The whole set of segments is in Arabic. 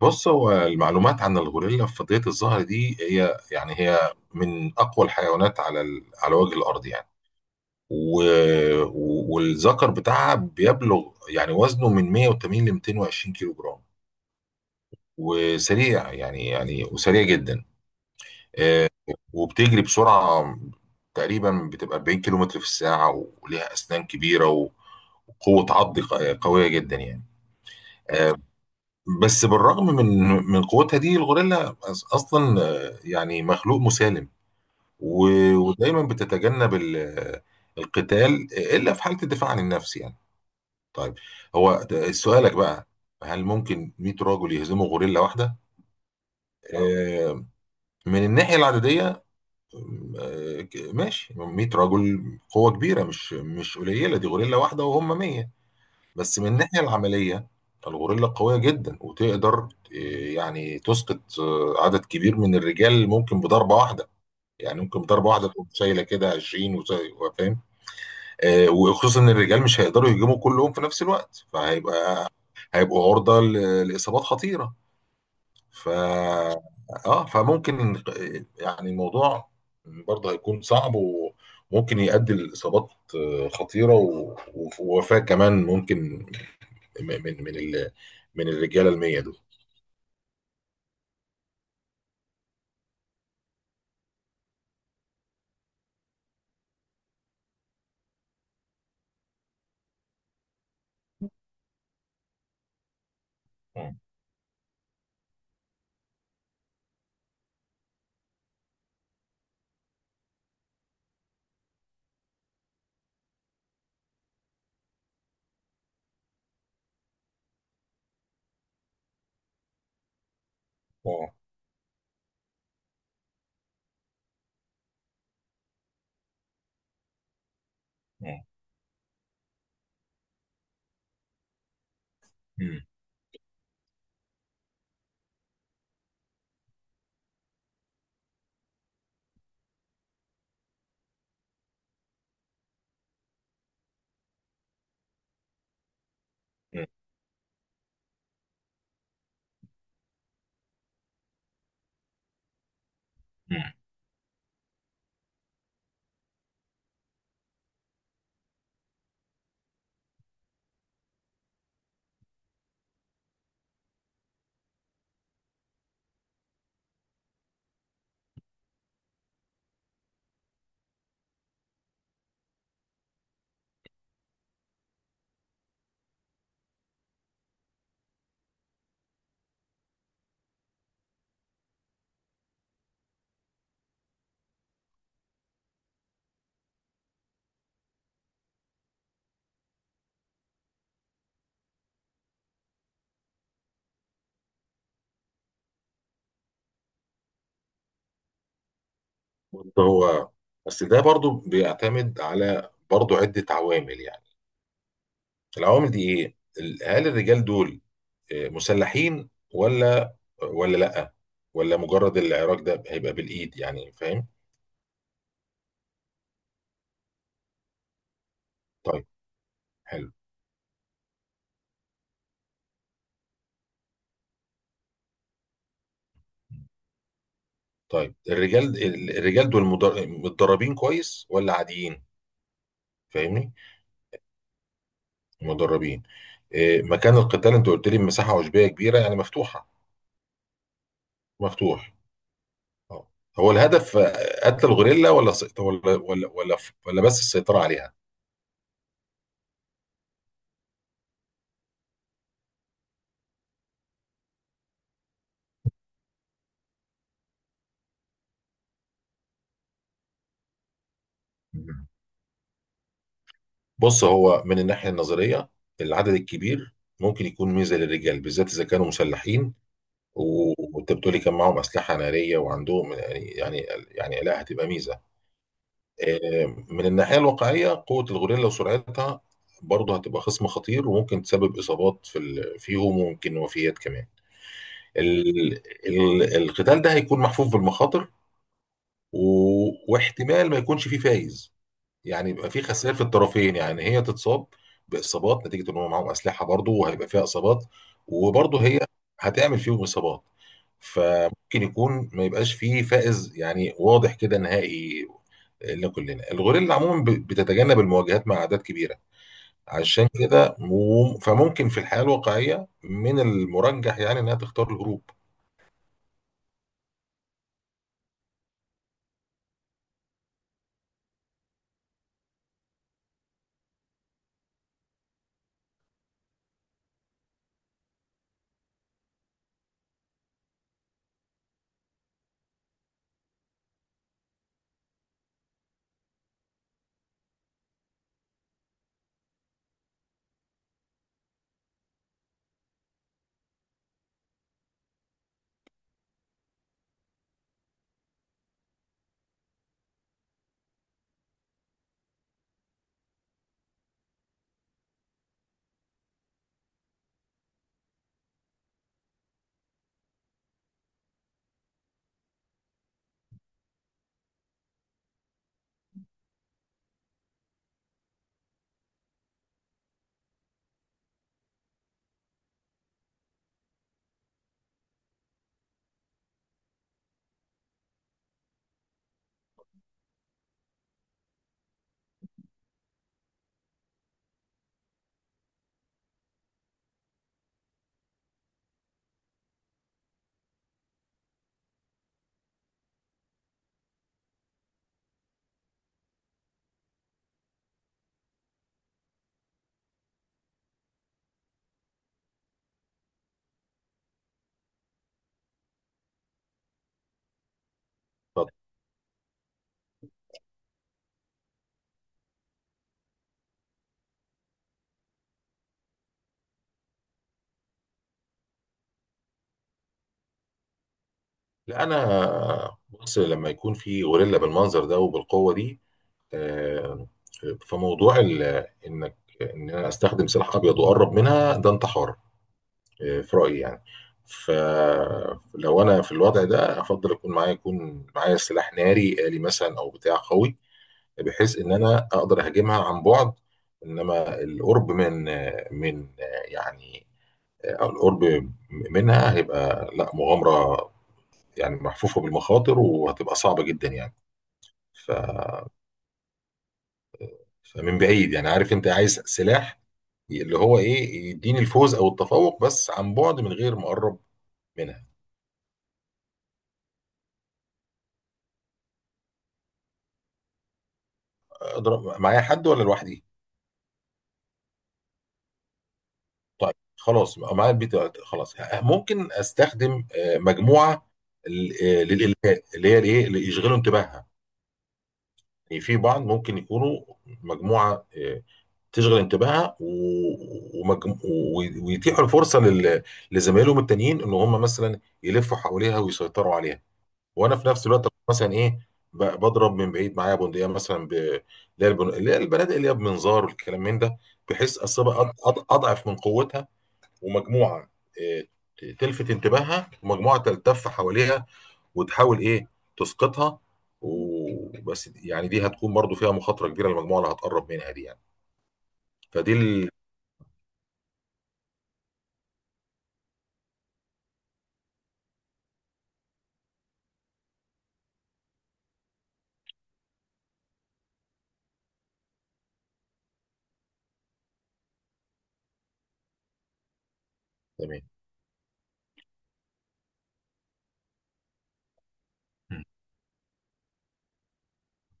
بص، هو المعلومات عن الغوريلا في فضية الظهر دي هي من أقوى الحيوانات على وجه الأرض يعني. و... والذكر بتاعها بيبلغ يعني وزنه من 180 ل 220 كيلو جرام، وسريع يعني يعني وسريع جدا. آه، وبتجري بسرعة تقريبا بتبقى 40 كيلو متر في الساعة، وليها أسنان كبيرة، وقوة عض قوية جدا يعني. آه، بس بالرغم من قوتها دي، الغوريلا اصلا يعني مخلوق مسالم، ودايما بتتجنب القتال الا في حاله الدفاع عن النفس يعني. طيب، هو سؤالك بقى، هل ممكن 100 راجل يهزموا غوريلا واحده؟ آه، من الناحيه العدديه، ماشي، 100 رجل قوه كبيره، مش قليله، دي غوريلا واحده وهم 100. بس من الناحية العملية، الغوريلا قوية جدا وتقدر يعني تسقط عدد كبير من الرجال، ممكن بضربة واحدة. يعني ممكن بضربة واحدة تقوم شايلة كده 20، وفاهم. وخصوصا ان الرجال مش هيقدروا يهجموا كلهم في نفس الوقت، فهيبقى هيبقوا عرضة لإصابات خطيرة. ف اه فممكن يعني الموضوع برضه هيكون صعب وممكن يؤدي لإصابات خطيرة، ووفاة كمان ممكن من من من ال- من الرجاله المية دول. اه، اه، اه. مم. مم. مم. برضه هو بس ده برضو بيعتمد على برضو عدة عوامل يعني. العوامل دي ايه؟ هل الرجال دول مسلحين ولا ولا لا، ولا مجرد العراك ده هيبقى بالايد؟ يعني فاهم. طيب. حلو. طيب، الرجال الرجال دول متدربين كويس ولا عاديين؟ فاهمني؟ مدربين. مكان القتال، انت قلت لي مساحة عشبية كبيرة يعني مفتوحة، مفتوح، اه. هو الهدف قتل الغوريلا ولا سيط- ولا ولا ولا, ولا بس السيطرة عليها؟ مم. بص، هو من الناحية النظرية العدد الكبير ممكن يكون ميزة للرجال، بالذات إذا كانوا مسلحين، وانت بتقولي كان معاهم أسلحة نارية وعندهم، يعني لا، هتبقى ميزة. من الناحية الواقعية، قوة الغوريلا وسرعتها برضه هتبقى خصم خطير، وممكن تسبب إصابات فيهم وممكن وفيات كمان. ال- القتال ده هيكون محفوف بالمخاطر، واحتمال ما يكونش فيه فايز. يعني يبقى فيه خسائر في الطرفين، يعني هي تتصاب باصابات نتيجه ان هم معاهم اسلحه برضه، وهيبقى فيها اصابات، وبرضه هي هتعمل فيهم اصابات. فممكن يكون ما يبقاش فيه فائز يعني، واضح كده نهائي لكلنا. الغوريلا عموما بتتجنب المواجهات مع اعداد كبيره، عشان كده فممكن في الحياه الواقعيه من المرجح يعني انها تختار الهروب. لا، انا بص، لما يكون في غوريلا بالمنظر ده وبالقوه دي، آه، فموضوع ان انا استخدم سلاح ابيض واقرب منها، ده انتحار في رايي يعني. فلو انا في الوضع ده، افضل اكون معايا يكون معايا سلاح ناري آلي مثلا او بتاع قوي، بحيث ان انا اقدر اهاجمها عن بعد. انما القرب من آه، من آه، يعني آه، القرب منها هيبقى لا، مغامره يعني، محفوفة بالمخاطر، وهتبقى صعبة جدا يعني. ف... فمن بعيد، يعني عارف، انت عايز سلاح اللي هو يديني الفوز او التفوق، بس عن بعد من غير ما اقرب منها. اضرب معايا حد ولا لوحدي؟ طيب، خلاص، معايا البيت، خلاص. ممكن استخدم مجموعة للإلهاء، اللي هي اللي يشغلوا انتباهها. يعني في بعض ممكن يكونوا مجموعة تشغل انتباهها ويتيحوا الفرصه لزمايلهم التانيين ان هم مثلا يلفوا حواليها ويسيطروا عليها. وانا في نفس الوقت مثلا بضرب من بعيد، معايا بندقيه مثلا، ب... اللي هي البن- اللي هي البنادق اللي هي بمنظار والكلام من ده، بحيث اصيبها اضعف من قوتها. ومجموعه إيه تلفت انتباهها، ومجموعه تلتف حواليها وتحاول تسقطها. وبس يعني، دي هتكون برضو فيها مخاطره كبيره للمجموعه اللي هتقرب منها دي يعني. فدي ال... تمام. مم.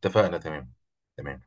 اتفقنا. تمام. تمام.